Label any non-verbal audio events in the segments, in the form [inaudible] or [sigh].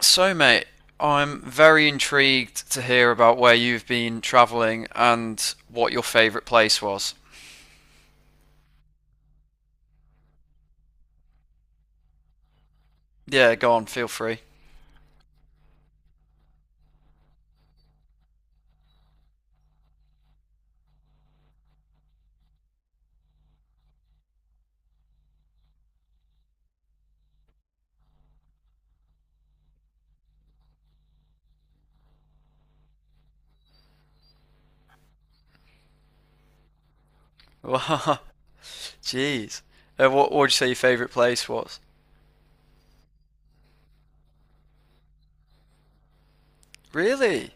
So, mate, I'm very intrigued to hear about where you've been travelling and what your favourite place was. Yeah, go on, feel free. [laughs] Jeez. What would you say your favourite place was? Really?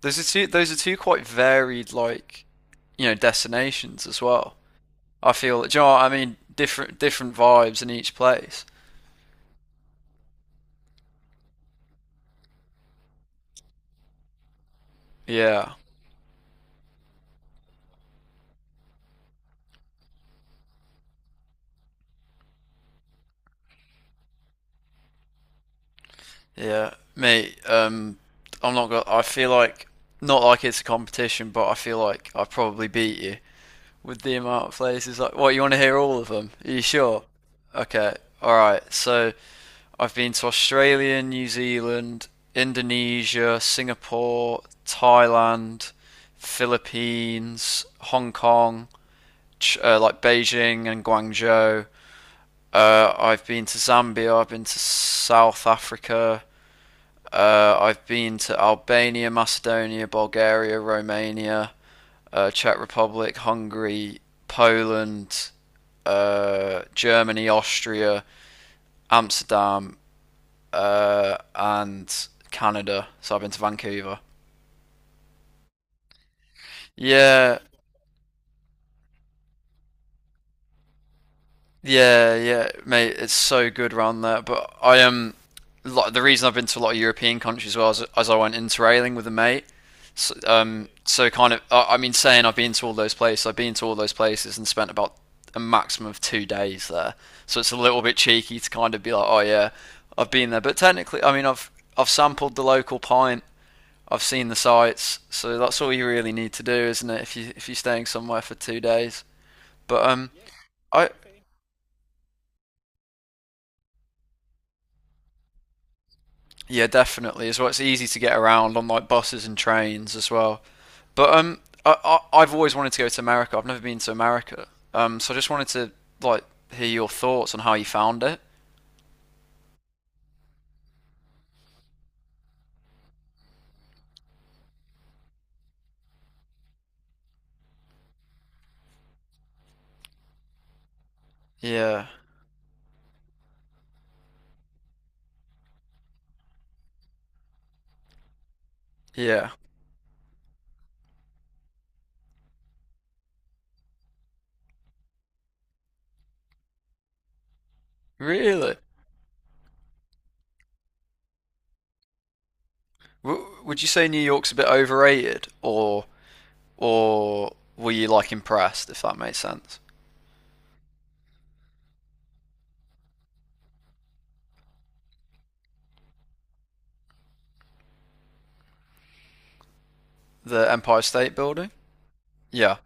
Those are two. Those are two quite varied, like you know, destinations as well. I feel. Do you know what I mean? Different, different vibes in each place. Yeah. Yeah, mate. I'm not gonna. I feel like not like it's a competition, but I feel like I probably beat you with the amount of places. Like, what, you want to hear all of them? Are you sure? Okay, all right. So, I've been to Australia, New Zealand, Indonesia, Singapore, Thailand, Philippines, Hong Kong, like Beijing and Guangzhou. I've been to Zambia. I've been to South Africa. I've been to Albania, Macedonia, Bulgaria, Romania, Czech Republic, Hungary, Poland, Germany, Austria, Amsterdam, and Canada. So I've been to Vancouver. Yeah, yeah, yeah, mate, it's so good around there. But I am, like, the reason I've been to a lot of European countries was as I went interrailing with a mate. So, I mean, saying I've been to all those places, I've been to all those places and spent about a maximum of 2 days there. So it's a little bit cheeky to kind of be like, oh yeah, I've been there. But technically, I mean, I've sampled the local pint. I've seen the sights. So that's all you really need to do, isn't it? If you if you're staying somewhere for 2 days. But I Yeah, definitely. As well, it's easy to get around on like buses and trains as well. But I've always wanted to go to America. I've never been to America. So I just wanted to like hear your thoughts on how you found it. Yeah, yeah. Really? W would you say New York's a bit overrated, or were you like impressed, if that makes sense? The Empire State Building? Yeah,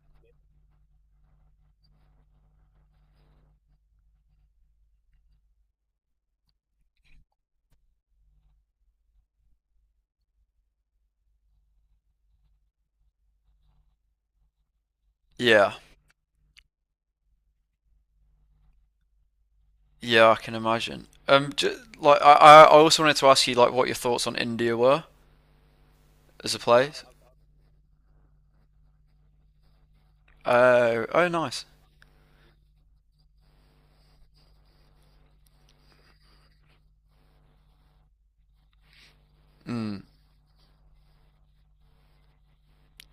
yeah, yeah. I can imagine. J Like, I also wanted to ask you like what your thoughts on India were as a place. Oh, nice.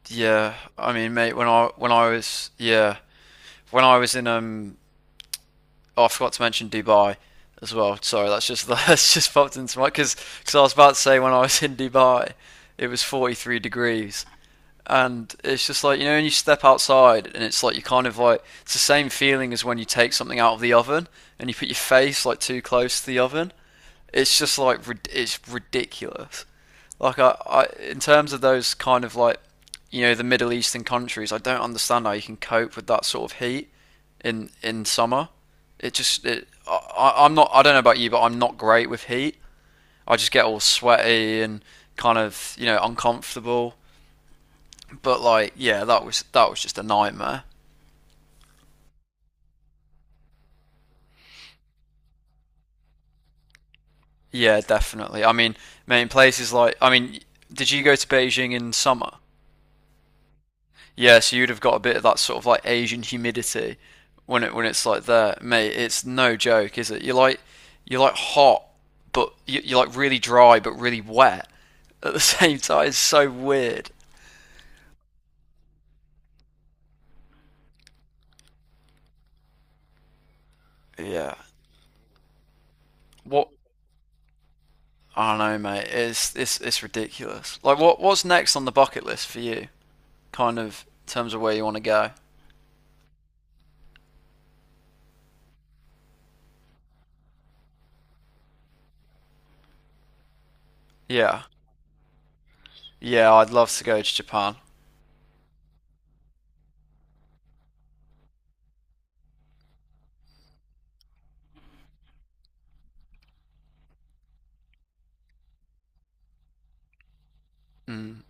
Yeah, I mean, mate, when I was yeah when I was in um oh, I forgot to mention Dubai as well. Sorry, that's just [laughs] that's just popped into my, because I was about to say when I was in Dubai, it was 43 degrees, and it's just like, you know, when you step outside and it's like, you kind of like, it's the same feeling as when you take something out of the oven and you put your face like too close to the oven. It's just like, it's ridiculous. Like, I in terms of those kind of, like, you know, the middle eastern countries, I don't understand how you can cope with that sort of heat in summer. It just it, I'm not, I don't know about you, but I'm not great with heat. I just get all sweaty and kind of, you know, uncomfortable. But like, yeah, that was just a nightmare. Yeah, definitely. I mean, in places like, I mean, did you go to Beijing in summer? Yeah, so you'd have got a bit of that sort of like Asian humidity when it's like there, mate. It's no joke, is it? You're like hot, but you're like really dry, but really wet at the [laughs] same time. It's so weird. Yeah. What? I don't know, mate. It's ridiculous. Like, what's next on the bucket list for you? Kind of in terms of where you want to go. Yeah. Yeah, I'd love to go to Japan. Mm.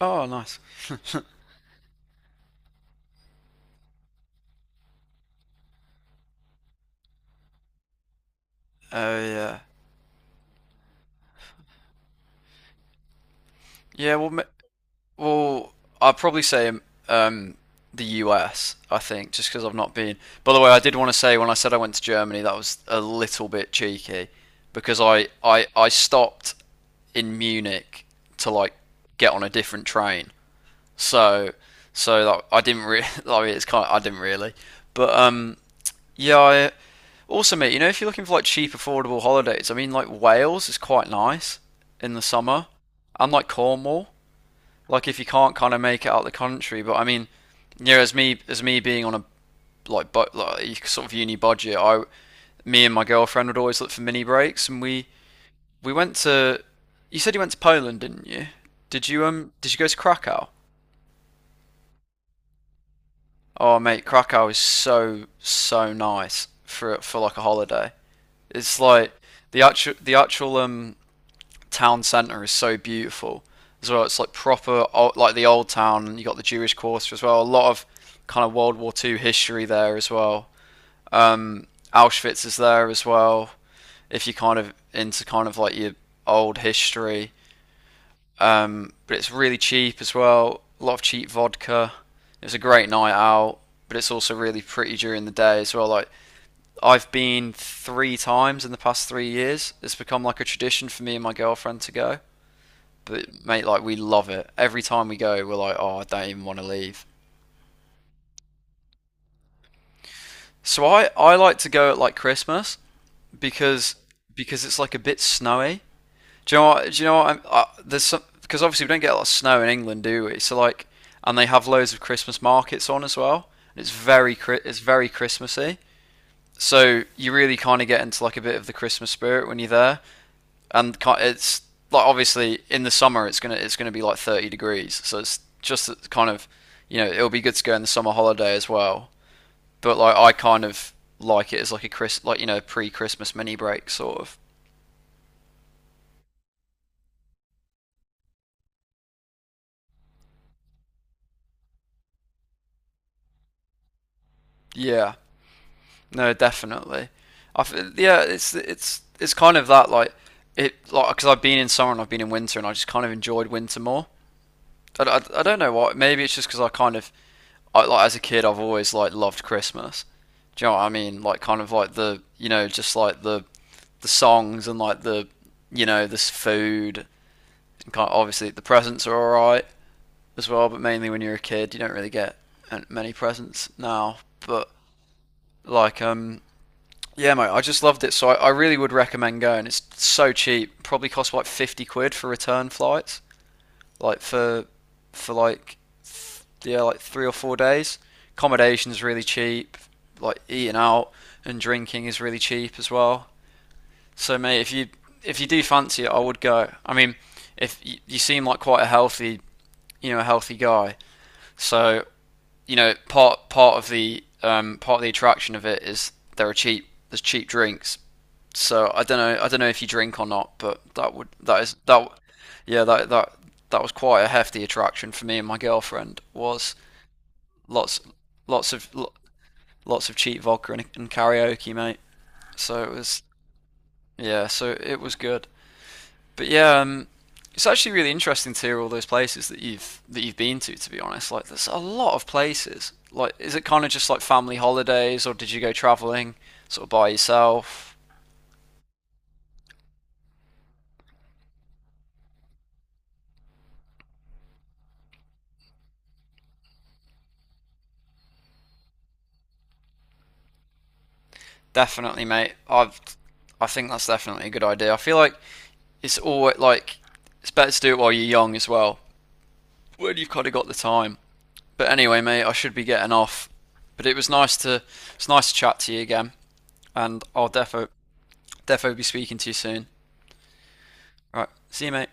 Oh, nice. [laughs] Oh, yeah. Yeah, well, ma- well, I'd probably say, um, the US, I think, just because I've not been. By the way, I did want to say when I said I went to Germany, that was a little bit cheeky because I stopped in Munich to like get on a different train. So so that I didn't really. [laughs] I mean, it's kind of I didn't really, but yeah, I Also, mate, you know, if you're looking for like cheap, affordable holidays, I mean, like, Wales is quite nice in the summer, and like Cornwall. Like if you can't kind of make it out of the country, but I mean, you know, as me being on a like but like sort of uni budget, I me and my girlfriend would always look for mini breaks, and we went to. You said you went to Poland, didn't you? Did you did you go to Krakow? Oh mate, Krakow is so nice for like a holiday. It's like the actual town centre is so beautiful as well. It's like proper, like the old town, and you got the Jewish Quarter as well. A lot of kind of World War Two history there as well. Um, Auschwitz is there as well. If you're kind of into kind of like your old history, but it's really cheap as well. A lot of cheap vodka. It was a great night out, but it's also really pretty during the day as well. Like I've been three times in the past 3 years. It's become like a tradition for me and my girlfriend to go, but mate, like, we love it. Every time we go, we're like, oh, I don't even want to leave. So I like to go at like Christmas because it's like a bit snowy. Do you know what? Do you know what? There's some, because obviously we don't get a lot of snow in England, do we? So like, and they have loads of Christmas markets on as well. And it's very Christmassy. So you really kind of get into like a bit of the Christmas spirit when you're there. And it's like obviously in the summer it's gonna be like 30 degrees, so it's just kind of, you know, it'll be good to go in the summer holiday as well. But like I kind of like it as like a Chris, like, you know, pre-Christmas mini break sort of. Yeah, no, definitely. Yeah, it's kind of that like, it, like because I've been in summer and I've been in winter and I just kind of enjoyed winter more. I don't know what. Maybe it's just because I kind of I like as a kid I've always like loved Christmas. Do you know what I mean? Like kind of like the, you know, just like the songs and like the, you know, this food and obviously the presents are all right as well. But mainly when you're a kid, you don't really get many presents now. But like yeah, mate, I just loved it. So I really would recommend going. It's so cheap. Probably costs like 50 quid for return flights like for like yeah like 3 or 4 days. Accommodation's really cheap. Like eating out and drinking is really cheap as well. So mate, if you do fancy it, I would go. I mean, if you, you seem like quite a healthy, you know, a healthy guy, so, you know, part of the, part of the attraction of it is there are cheap, there's cheap drinks. So I don't know if you drink or not, but that yeah that that was quite a hefty attraction for me and my girlfriend was lots lots of lots of cheap vodka and karaoke, mate. So it was, yeah, so it was good. But yeah, it's actually really interesting to hear all those places that you've been to. To be honest, like, there's a lot of places. Like, is it kind of just like family holidays, or did you go traveling sort of by yourself? Definitely, mate. I think that's definitely a good idea. I feel like it's always like it's better to do it while you're young as well, when you've kind of got the time. But anyway, mate, I should be getting off. But it's nice to chat to you again, and I'll defo defo be speaking to you soon. All right, see you, mate.